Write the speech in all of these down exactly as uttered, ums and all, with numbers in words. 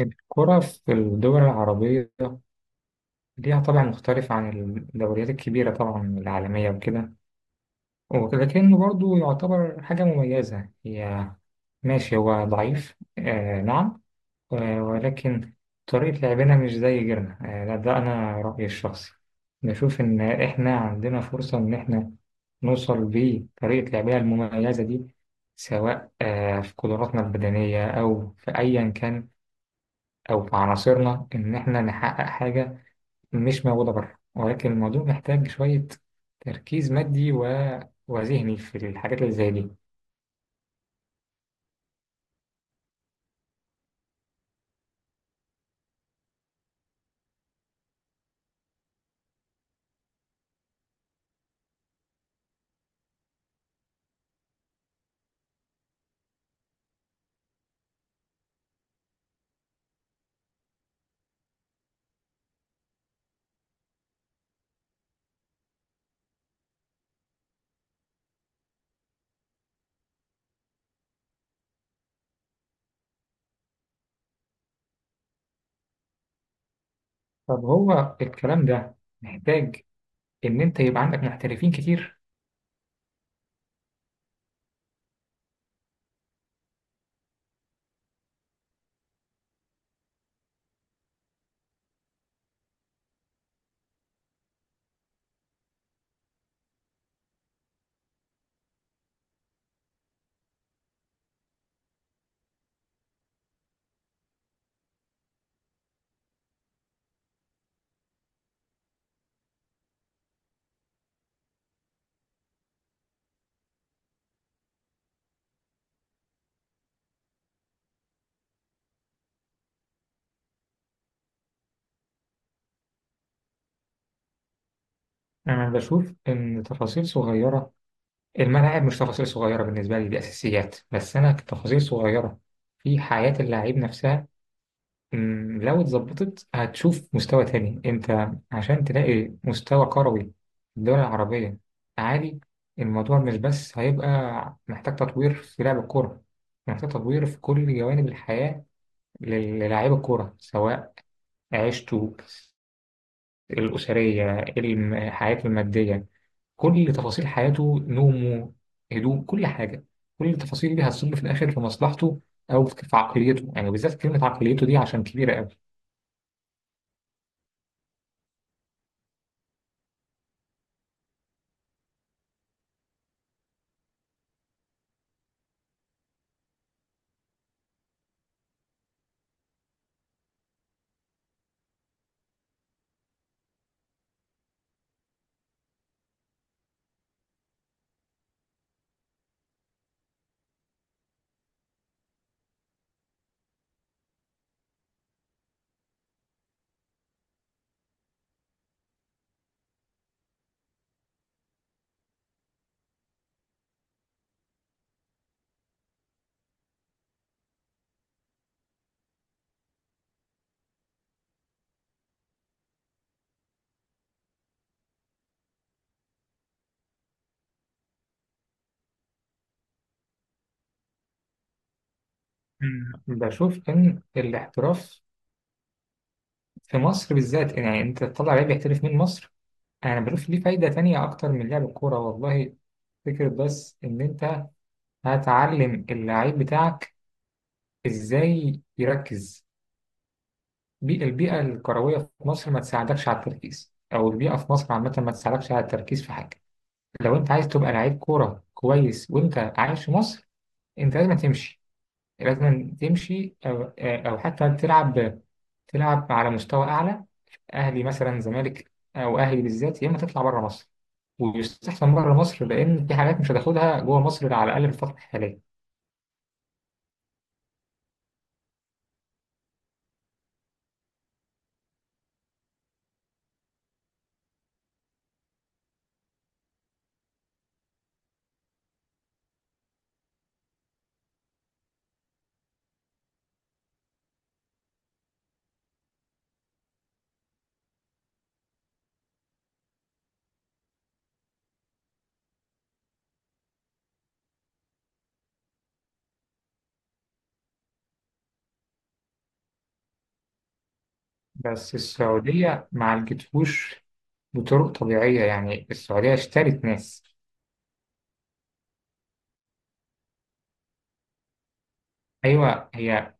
الكرة في الدول العربية ليها طبع مختلف عن الدوريات الكبيرة طبعا العالمية وكده، ولكنه برضو يعتبر حاجة مميزة. هي ماشي، هو ضعيف، آه نعم، آه ولكن طريقة لعبنا مش زي غيرنا. آه لا، ده أنا رأيي الشخصي. بشوف إن إحنا عندنا فرصة إن إحنا نوصل بطريقة لعبنا المميزة دي، سواء آه في قدراتنا البدنية أو في أيا كان أو في عناصرنا، إن إحنا نحقق حاجة مش موجودة بره. ولكن الموضوع محتاج شوية تركيز مادي و... وذهني في الحاجات اللي زي دي. طب هو الكلام ده محتاج إن أنت يبقى عندك محترفين كتير. أنا بشوف إن تفاصيل صغيرة، الملاعب مش تفاصيل صغيرة بالنسبة لي، دي أساسيات، بس أنا تفاصيل صغيرة في حياة اللاعب نفسها. مم، لو اتظبطت هتشوف مستوى تاني. انت عشان تلاقي مستوى كروي في الدول العربية عالي، الموضوع مش بس هيبقى محتاج تطوير في لعب الكورة، محتاج تطوير في كل جوانب الحياة لل- للاعيب الكورة، سواء عيشته الأسرية، الم- حياته المادية، كل تفاصيل حياته، نومه، هدوء، كل حاجة. كل التفاصيل دي هتصب في الآخر في مصلحته أو في عقليته. يعني بالذات كلمة عقليته دي، عشان كبيرة أوي. مم. بشوف إن الاحتراف في مصر بالذات، يعني أنت تطلع لعيب يحترف من مصر، أنا بشوف ليه فايدة تانية أكتر من لعب الكورة والله. فكرة بس إن أنت هتعلم اللعيب بتاعك إزاي يركز. بي- البيئة الكروية في مصر ما تساعدكش على التركيز، أو البيئة في مصر عامة ما تساعدكش على التركيز في حاجة. لو أنت عايز تبقى لعيب كورة كويس وأنت عايش في مصر، أنت لازم تمشي، لازم تمشي أو أو حتى تلعب، تلعب على مستوى أعلى. اهلي مثلا، زمالك او اهلي بالذات، يا اما تطلع بره مصر، ويستحسن بره مصر، لان في حاجات مش هتاخدها جوه مصر على الاقل في الفتره الحاليه. بس السعوديه ما عالجتهوش بطرق طبيعيه، يعني السعوديه اشترت ناس. ايوه، هي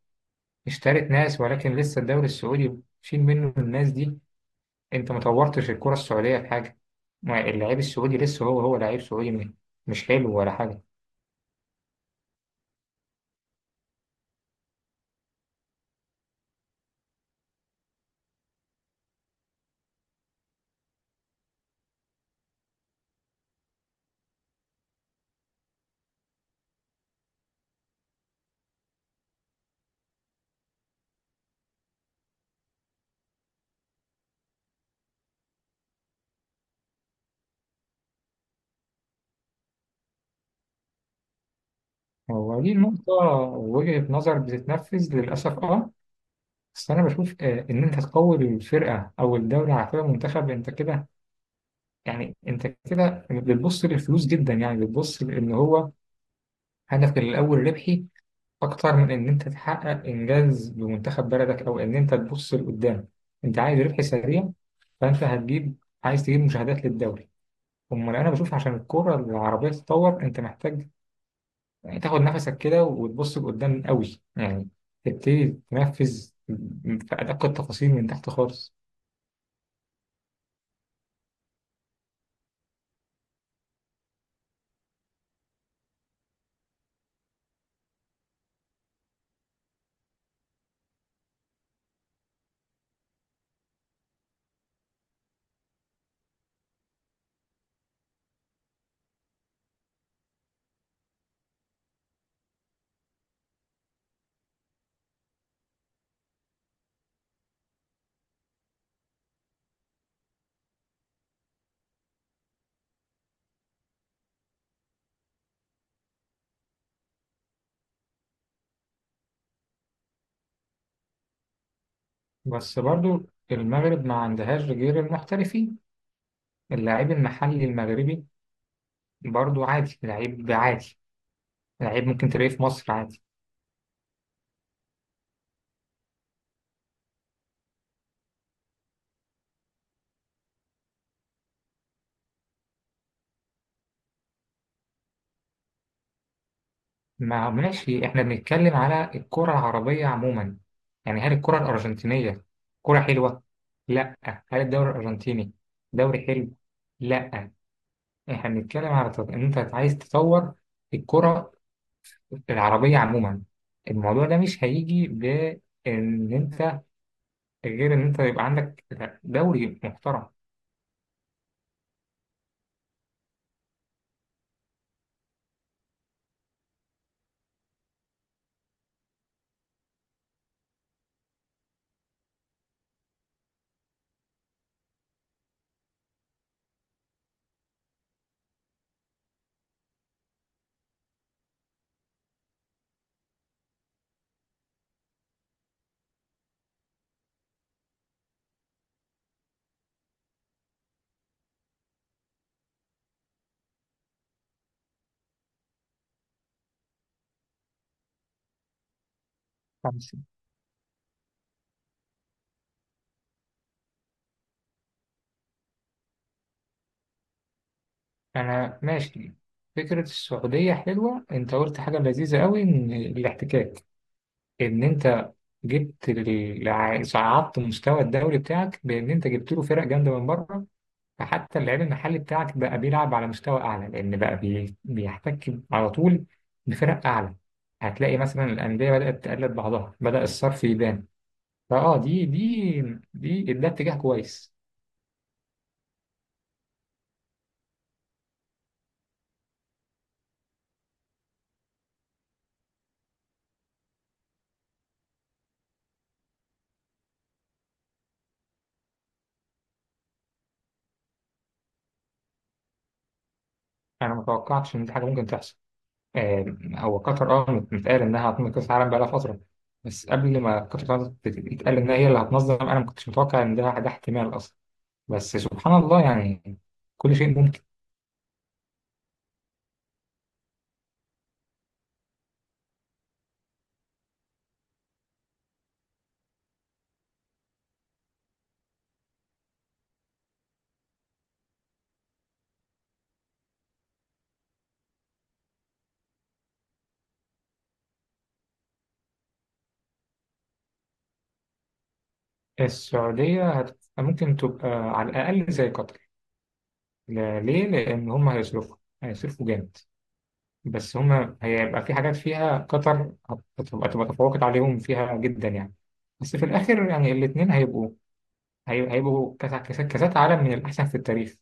اشترت ناس، ولكن لسه الدوري السعودي، شيل منه الناس دي، انت ما طورتش الكره السعوديه في حاجه. ما اللعيب السعودي لسه هو هو لعيب سعودي، م- مش حلو ولا حاجه. هو دي النقطة، وجهة نظر بتتنفذ للأسف، اه. بس انا بشوف، آه، ان انت تقوي الفرقه او الدوري على فرقه منتخب، انت كده، يعني انت كده بتبص للفلوس جدا، يعني بتبص لان هو هدفك الاول ربحي، اكتر من ان انت تحقق انجاز بمنتخب بلدك، او ان انت تبص لقدام. انت عايز ربح سريع، فانت هتجيب، عايز تجيب مشاهدات للدوري. امال انا بشوف عشان الكره العربيه تتطور، انت محتاج يعني تاخد نفسك كده وتبص لقدام قوي، يعني تبتدي تنفذ في ادق التفاصيل من تحت خالص. بس برضو المغرب ما عندهاش غير المحترفين، اللاعب المحلي المغربي برضو عادي، لعيب عادي، لعيب ممكن تلاقيه في مصر عادي. ما ماشي، احنا بنتكلم على الكرة العربية عموما. يعني هل الكرة الأرجنتينية كرة حلوة؟ لا. هل الدوري الأرجنتيني دوري حلو؟ لا. احنا بنتكلم على تط- ان انت عايز تطور الكرة العربية عموما. الموضوع ده مش هيجي بان انت، غير إن أنت يبقى عندك دوري محترم. خمسة. أنا ماشي. فكرة السعودية حلوة، أنت قلت حاجة لذيذة أوي، إن الاحتكاك، إن أنت جبت ال- الع- صعدت مستوى الدوري بتاعك بإن أنت جبت له فرق جامدة من بره. فحتى اللعيب المحلي بتاعك بقى بيلعب على مستوى أعلى، لأن بقى بي- بيحتك على طول بفرق أعلى. هتلاقي مثلا الأندية بدأت تقلد بعضها، بدأ الصرف يبان. فأه دي دي دي ده اتجاه كويس. انا ما توقعتش ان دي حاجه ممكن تحصل. آه، هو قطر، اه مت- متقال انها هتنظم كاس العالم بقالها فتره. بس قبل ما قطر تنظم- يتقال انها هي اللي هتنظم، انا ما كنتش متوقع ان ده ده احتمال اصلا. بس سبحان الله، يعني كل شيء ممكن. السعوديه هت... ممكن تبقى على الاقل زي قطر. لا- ليه؟ لان هم هيصرفوا، هيصرفوا جامد. بس هم هيبقى في حاجات فيها قطر هتبقى، تبقى تفوقت عليهم فيها جدا يعني. بس في الاخر يعني الاثنين هيبقوا، هي- هيبقوا كاس كاس- كاسات عالم من الأحسن في التاريخ.